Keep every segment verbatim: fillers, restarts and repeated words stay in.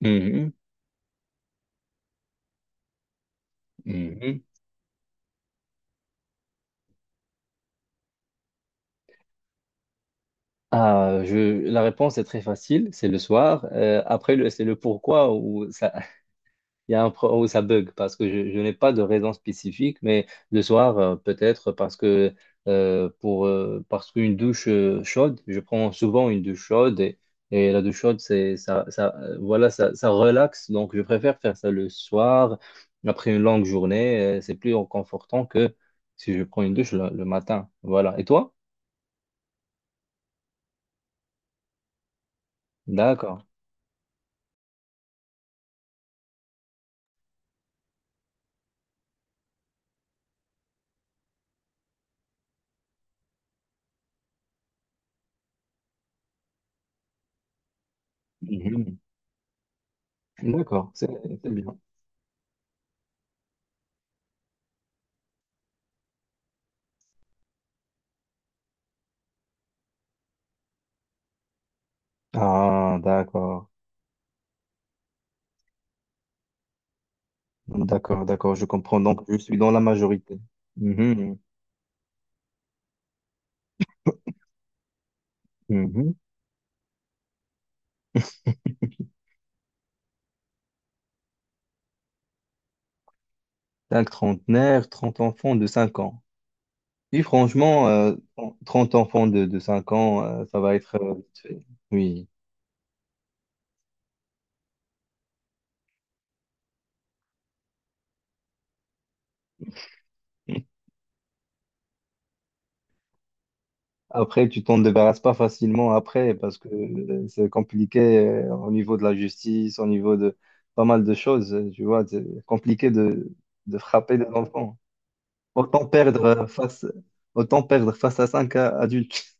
Mhm, mhm. Ah, je, la réponse est très facile, c'est le soir. Euh, après, le- c'est le pourquoi où ça, il y a un, pro- où ça bug, parce que je, je n'ai pas de raison spécifique, mais le soir, euh, peut-être parce que euh, pour, euh, parce qu'une douche euh, chaude, je prends souvent une douche chaude et, et la douche chaude, c'est, ça, ça, euh, voilà, ça, ça relaxe. Donc, je préfère faire ça le soir, après une longue journée, euh, c'est plus réconfortant que si je prends une douche le le matin. Voilà. Et toi? D'accord. Mhm. D'accord, c'est c'est bien. Ah, d'accord, d'accord, d'accord, je comprends. Donc, je suis dans la majorité. Mhm. Mhm. Cinq trentenaires, trente enfants de cinq ans. Oui, franchement, euh, trente enfants de, de cinq ans, euh, ça va être... euh, vite fait. Oui. Après, tu t'en débarrasses pas facilement après parce que euh, c'est compliqué euh, au niveau de la justice, au niveau de pas mal de choses. euh, Tu vois, c'est compliqué de, de frapper des enfants. Autant perdre euh, face, autant perdre face à cinq adultes.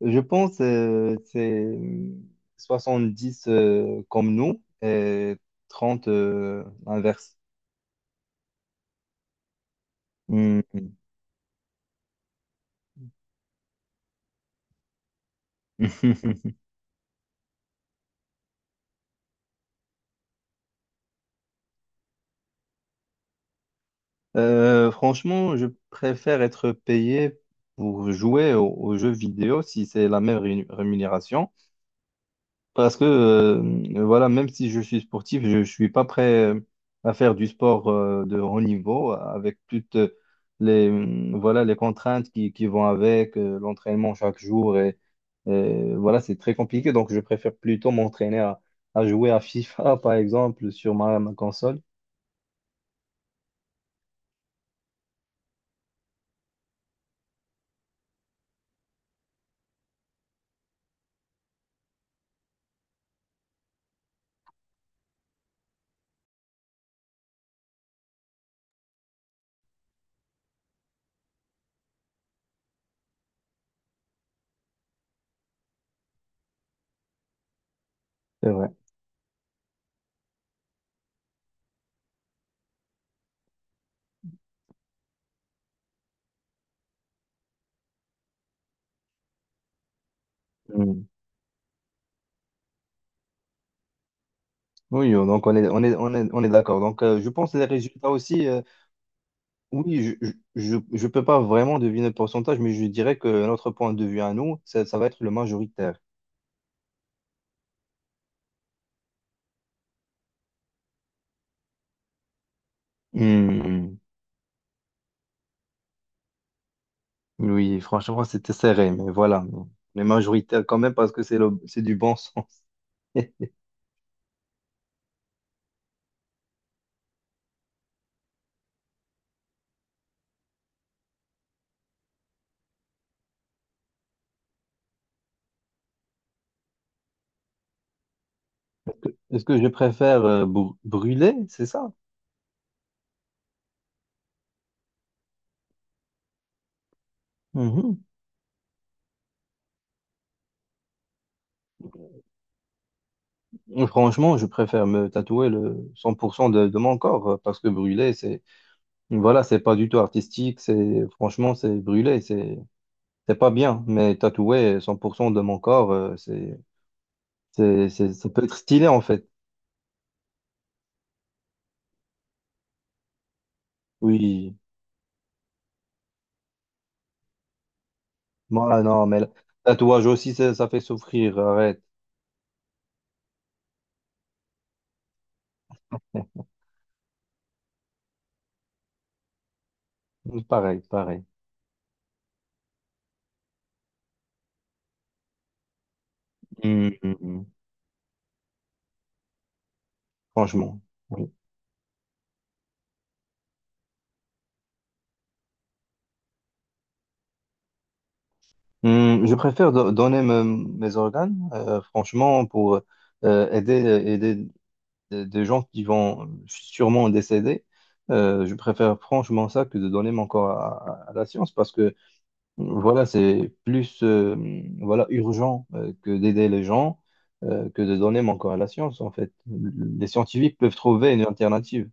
Je pense euh, c'est soixante-dix euh, comme nous et trente euh, l'inverse. Hmm. Euh, franchement, je préfère être payé pour jouer aux, aux jeux vidéo si c'est la même rému- rémunération. Parce que euh, voilà, même si je suis sportif, je ne suis pas prêt euh, à faire du sport euh, de haut niveau avec toutes les, euh, voilà, les contraintes qui, qui vont avec euh, l'entraînement chaque jour. Et, et voilà, c'est très compliqué. Donc, je préfère plutôt m'entraîner à, à jouer à FIFA, par exemple, sur ma, ma console. C'est vrai. Mm. Oui, donc on est, on est, on est, on est d'accord. Donc, euh, je pense que les résultats aussi. euh, Oui, je je, je peux pas vraiment deviner le pourcentage, mais je dirais que notre point de vue à nous, ça, ça va être le majoritaire. Hmm. Oui, franchement, c'était serré, mais voilà. Les majoritaires quand même, parce que c'est le, c'est du bon sens. Est-ce que je préfère euh, br- brûler, c'est ça? Mhm. Franchement, je préfère me tatouer le cent pour cent de, de mon corps, euh, parce que brûler, c'est, voilà, c'est pas du tout artistique, c'est, franchement, c'est brûler, c'est, c'est pas bien, mais tatouer cent pour cent de mon corps, euh, c'est, C'est, c'est- ça peut être stylé en fait. Oui. Moi, non, mais le tatouage aussi, ça, ça fait souffrir. Arrête. Pareil, pareil. Mm, mm, mm. Franchement. Oui. Mm, je préfère do- donner me- mes organes, euh, franchement, pour euh, aider, aider des des gens qui vont sûrement décéder. Euh, je préfère franchement ça que de donner mon corps à, à- à la science parce que voilà, c'est plus euh, voilà, urgent euh, que d'aider les gens, euh, que de donner mon corps à la science, en fait. Les scientifiques peuvent trouver une alternative.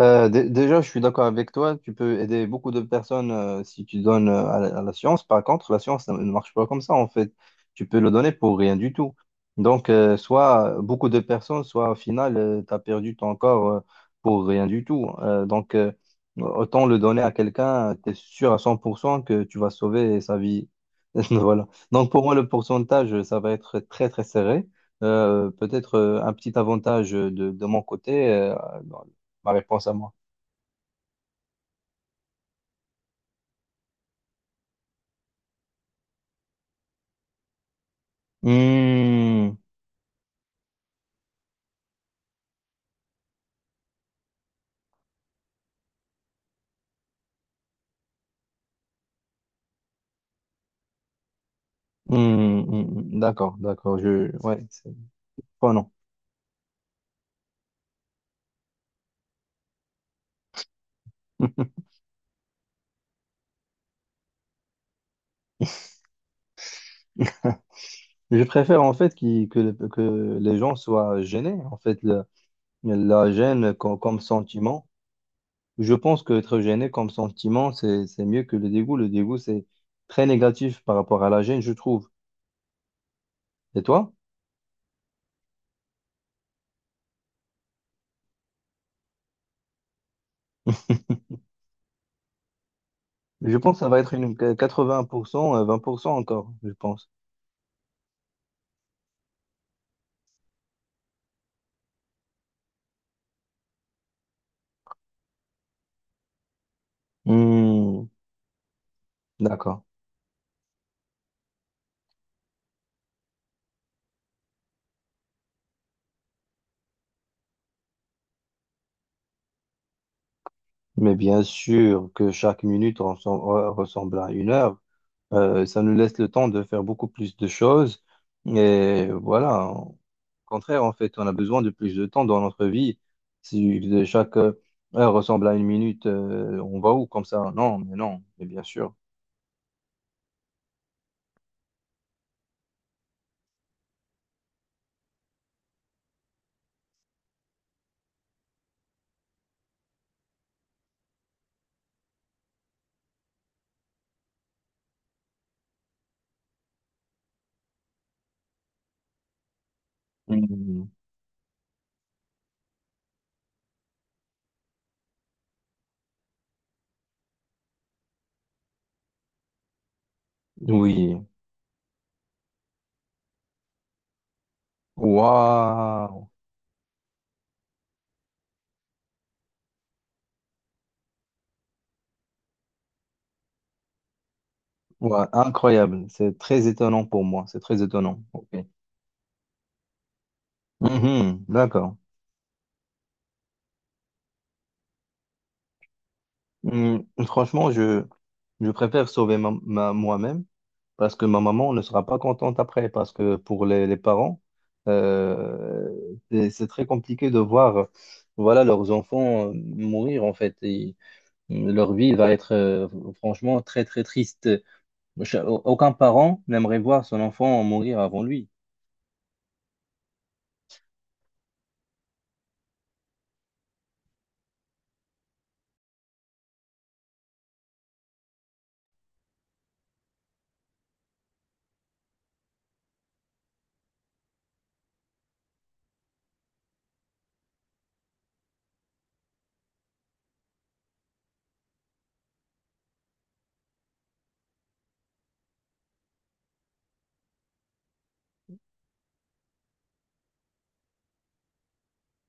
Euh, dé- déjà, je suis d'accord avec toi. Tu peux aider beaucoup de personnes euh, si tu donnes euh, à, la à la science. Par contre, la science ne ne marche pas comme ça, en fait. Tu peux le donner pour rien du tout. Donc, euh, soit euh, beaucoup de personnes, soit au final, tu as perdu ton corps euh, pour rien du tout. Euh, donc, euh, autant le donner à quelqu'un, tu es sûr à cent pour cent que tu vas sauver sa vie. Voilà. Donc, pour moi, le pourcentage, ça va être très, très serré. Euh, peut-être euh, un petit avantage de, de mon côté. Euh, ma réponse à moi. Hmm, hmm, hmm, d'accord, d'accord. Je, ouais, c'est pas non. Je préfère en fait qui- que, le- que les gens soient gênés. En fait, le- la gêne co- comme sentiment. Je pense que être gêné comme sentiment, c'est, c'est mieux que le dégoût. Le dégoût, c'est très négatif par rapport à la gêne, je trouve. Et toi? Je pense que ça va être une quatre-vingts pour cent, euh, vingt pour cent encore, je pense. Hmm, d'accord. Mais bien sûr que chaque minute ressemble, ressemble à une heure. Euh, ça nous laisse le temps de faire beaucoup plus de choses. Et voilà, au contraire, en fait, on a besoin de plus de temps dans notre vie. Si de chaque euh, heure ressemble à une minute, euh, on va où comme ça? Non, mais non, mais bien sûr. Mhm. Oui. Waouh! Waouh, incroyable. C'est très étonnant pour moi. C'est très étonnant. Ok. Mhm, d'accord. Hum, franchement, je, je préfère sauver ma, ma- moi-même parce que ma maman ne sera pas contente après. Parce que pour les, les parents, euh, c'est c'est très compliqué de voir, voilà, leurs enfants euh, mourir en fait. Et, hum, leur vie va être euh, franchement très très triste. Cha- Aucun parent n'aimerait voir son enfant mourir avant lui.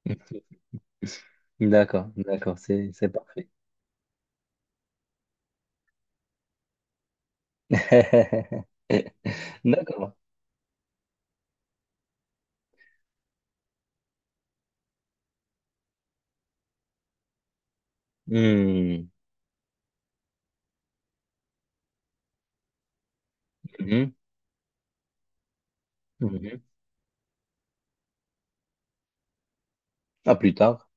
D'accord, d'accord, c'est c'est parfait. D'accord. Hum, hum, hum. À plus tard.